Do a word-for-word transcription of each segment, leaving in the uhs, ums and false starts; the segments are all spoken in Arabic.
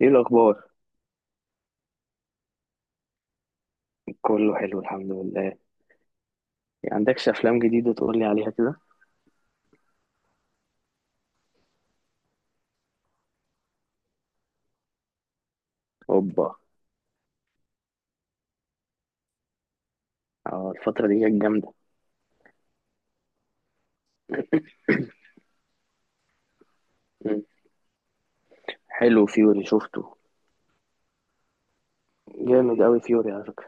ايه الاخبار؟ كله حلو الحمد لله يعني. عندكش افلام جديده تقول لي عليها كده؟ اوبا. اه، الفتره دي كانت جامده. مم. حلو فيوري شفته. جامد قوي فيوري على فكره.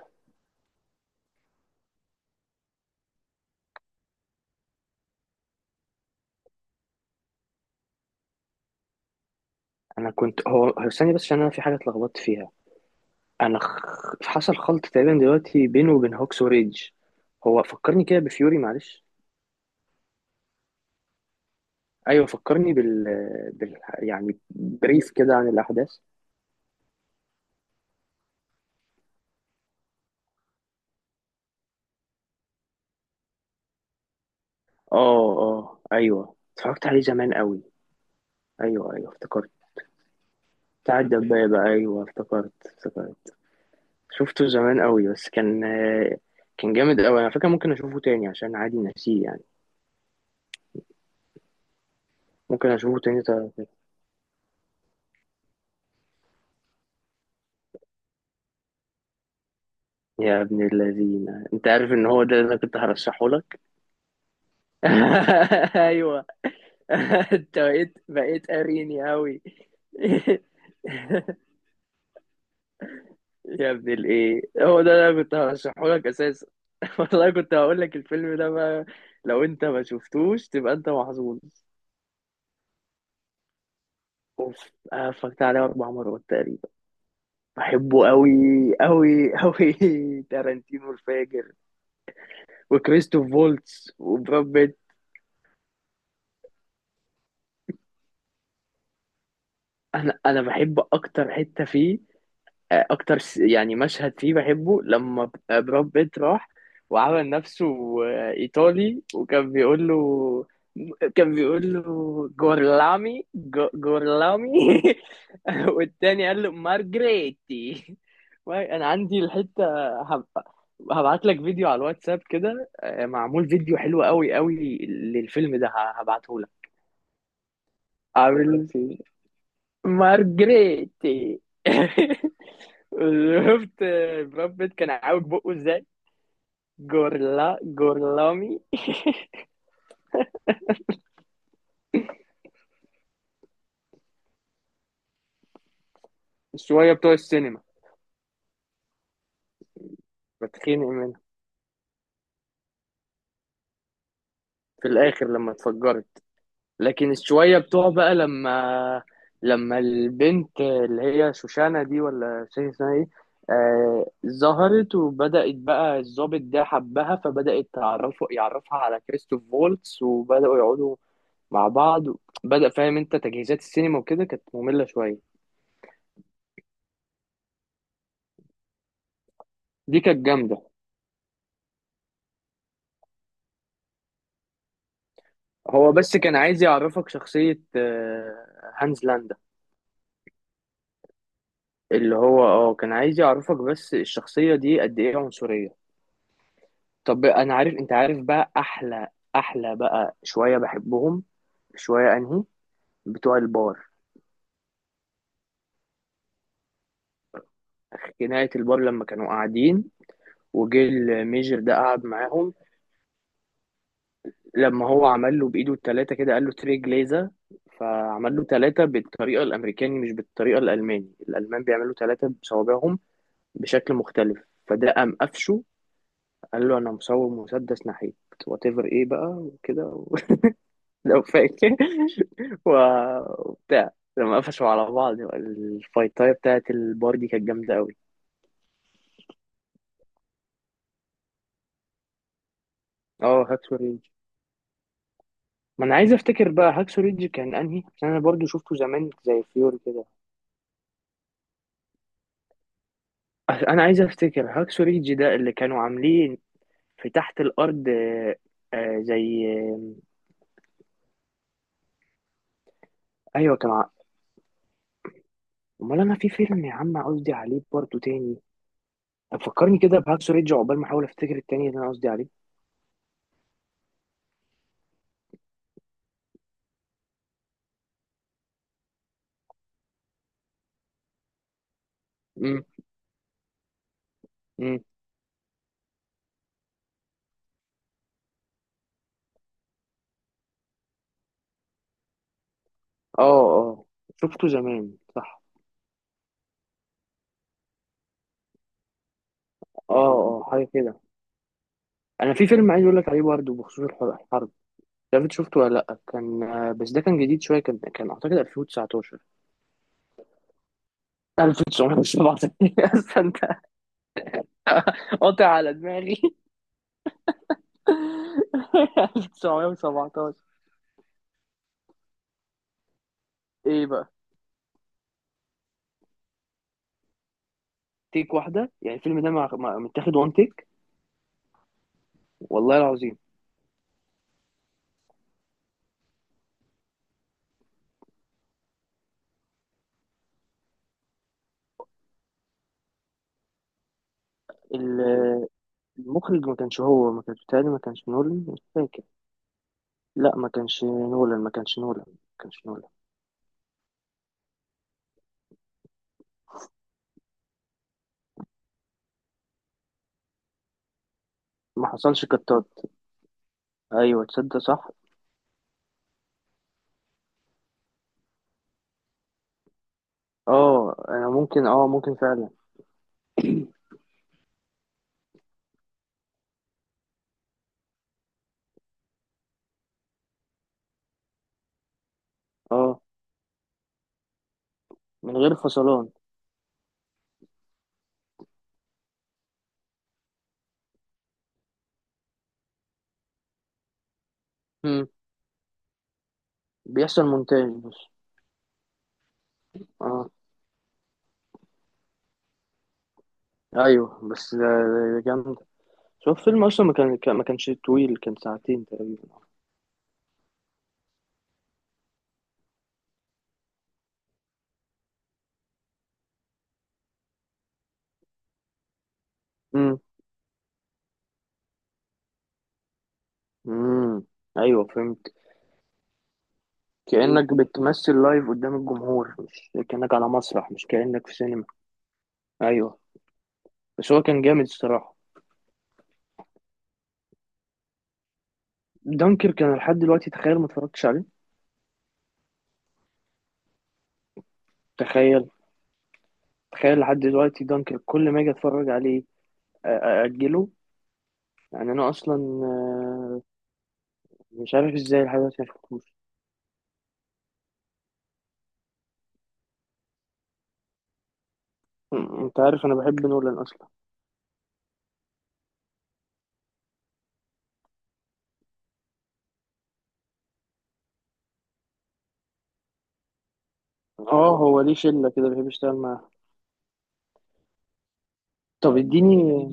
انا كنت هو هو استني بس عشان انا في حاجه اتلخبطت فيها. انا خ... حصل خلط تقريبا دلوقتي بينه وبين هوكس وريدج. هو فكرني كده بفيوري، معلش. ايوه فكرني بال, بال... يعني بريف كده عن الاحداث. اه اه ايوه اتفرجت عليه زمان قوي. ايوه ايوه افتكرت. بتاع الدبابة، أيوه افتكرت افتكرت. شفته زمان قوي بس كان آه، كان جامد قوي. انا فاكر ممكن اشوفه تاني عشان عادي ناسيه يعني. ممكن اشوفه تاني طب. يا ابن الذين، انت عارف ان هو ده اللي أنا كنت هرشحه لك؟ ايوه. انت بقيت بقيت قاريني قوي. يا ابن الايه، هو ده اللي أنا كنت هرشحه لك اساسا. والله كنت هقول لك الفيلم ده بقى. لو انت ما شفتوش تبقى انت محظوظ. اوف، أنا اتفرجت عليه اربع مرات تقريبا. بحبه قوي. قوي قوي. تارانتينو الفاجر. وكريستوف فولتس وبراد بيت. انا انا بحب اكتر حته فيه. آه، اكتر س- يعني مشهد فيه بحبه لما ب- آه، براد بيت راح وعمل نفسه آه، ايطالي، وكان بيقول له. كان بيقول له جورلامي، جو- جورلامي والتاني قال له مارجريتي. انا عندي الحته. هب- هبعت لك فيديو على الواتساب كده، آه، معمول فيديو حلو قوي قوي للفيلم ده هبعته لك. عامل فيه مارجريتي شفت براد بيت كان عاوج بقه ازاي؟ جورلا جورلامي. الشويه بتوع السينما بتخنق منها. في الاخر لما اتفجرت. لكن الشويه بتوع بقى لما لما البنت اللي هي شوشانة دي، ولا مش فاكر اسمها ايه، آه ظهرت وبدأت بقى الضابط ده حبها، فبدأت تعرفه يعرفها على كريستوف فولتس وبدأوا يقعدوا مع بعض. بدأ فاهم انت تجهيزات السينما وكده كانت مملة شوية. دي كانت جامدة. هو بس كان عايز يعرفك شخصية آه، هانز لاندا. اللي هو اه كان عايز يعرفك بس الشخصية دي قد ايه عنصرية. طب انا عارف انت عارف بقى احلى، احلى بقى شوية بحبهم. شوية انهي؟ بتوع البار. نهاية البار لما كانوا قاعدين وجه الميجر ده قعد معاهم. لما هو عمل له بايده التلاتة كده، قال له تري جليزا، فعمل له تلاتة بالطريقة الأمريكاني مش بالطريقة الألماني. الألمان بيعملوا تلاتة بصوابعهم بشكل مختلف. فده قام قفشه، قال له انا مصور مسدس ناحيك، وات ايفر ايه بقى وكده و- لو فاكر و- وبتاع، لما قفشوا على بعض الفايتايه بتاعت البار دي كانت جامده قوي. اه، هاكسو ريدج. ما انا عايز افتكر بقى هاكسو ريدج كان انهي، عشان انا برضو شفته زمان زي فيور كده. انا عايز افتكر هاكسو ريدج ده اللي كانوا عاملين في تحت الارض، آه، آه، زي آه، ايوه كان ع- امال انا في فيلم يا عم قصدي عليه برضو تاني. فكرني كده بهاكسو ريدج عقبال ما احاول افتكر التاني اللي انا قصدي عليه. امم. امم. اه اه شفته زمان، صح. اه اه حاجه كده. انا في فيلم عايز اقول لك عليه برضه بخصوص الح- الحرب. مش عارف شفته ولا لا. كان آه، بس ده كان جديد شويه، كان كان اعتقد ألفين وتسعتاشر. ألف وتسعمية وسبعتاشر اصلا انت قاطع على دماغي. ألف وتسعمية وسبعتاشر. ايه بقى؟ تيك واحده. يعني الفيلم ده مع- مع- متاخد وان تيك. والله العظيم. ال- المخرج ما كانش، هو ما كانش بتهيألي ما كانش نولان، مش فاكر. لا ما كانش نولان، ما كانش نولان، ما كانش نولان. ما حصلش كتات. ايوه تصدق صح. اه انا ممكن، اه ممكن فعلا. اه من غير فصلان. مم. بيحصل مونتاج بس. اه ايوه، بس ده ده جامد. شوف فيلم اصلا ما كان كان- ما كانش طويل، كان ساعتين تقريبا. امم. امم. ايوه فهمت. كأنك بتمثل لايف قدام الجمهور، مش كأنك على مسرح، مش كأنك في سينما. ايوه. بس هو كان جامد الصراحة. دانكر كان لحد دلوقتي تخيل ما اتفرجتش عليه. تخيل. تخيل لحد دلوقتي دانكر كل ما اجي اتفرج عليه أ- أ- اجله. يعني انا اصلا، آه، مش عارف ازاي لحد دلوقتي ما شفتوش. م- انت عارف انا بحب نولان اصلا. اه، هو ليه شله كده بيحب يشتغل معاها. طب اديني،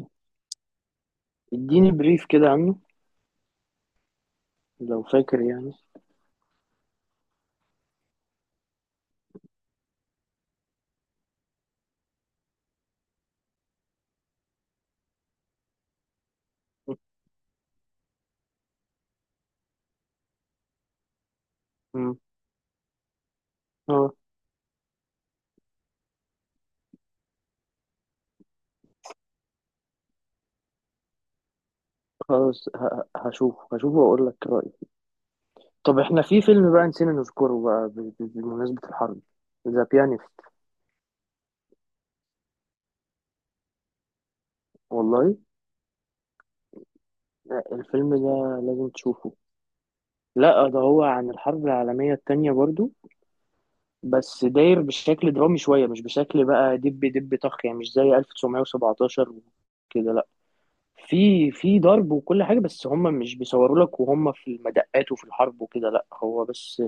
اديني بريف كده عنه. لو فاكر يعني. مم. اه. خلاص، ه- هشوف هشوف واقول لك رايي. طب احنا في فيلم بقى نسينا نذكره بقى ب- ب- بمناسبه الحرب. ذا بيانيست. والله. لا، الفيلم ده لازم تشوفه. لا، ده هو عن الحرب العالميه التانية برضو. بس داير بشكل درامي شوية، مش بشكل بقى دب دب طخ. يعني مش زي ألف وتسعمية وسبعتاشر وكده لا. في في ضرب وكل حاجة، بس هم مش بيصوروا لك وهم في المدقات وفي الحرب وكده. لا هو بس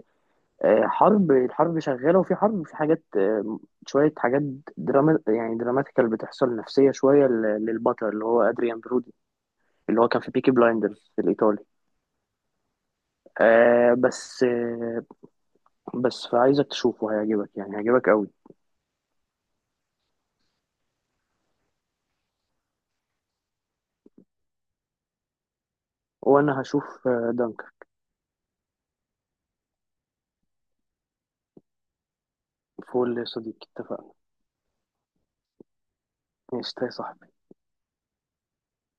آه، حرب، الحرب شغالة وفي حرب وفي حاجات، آه، شوية حاجات دراما يعني دراماتيكال بتحصل نفسية شوية ل- للبطل اللي هو أدريان برودي. اللي هو كان في بيكي بلايندرز الإيطالي. آه بس آه بس فعايزك تشوفه هيعجبك يعني هيعجبك قوي. وأنا هشوف آه، دانكر. فول يا صديقي اتفقنا. ماشي يا صاحبي.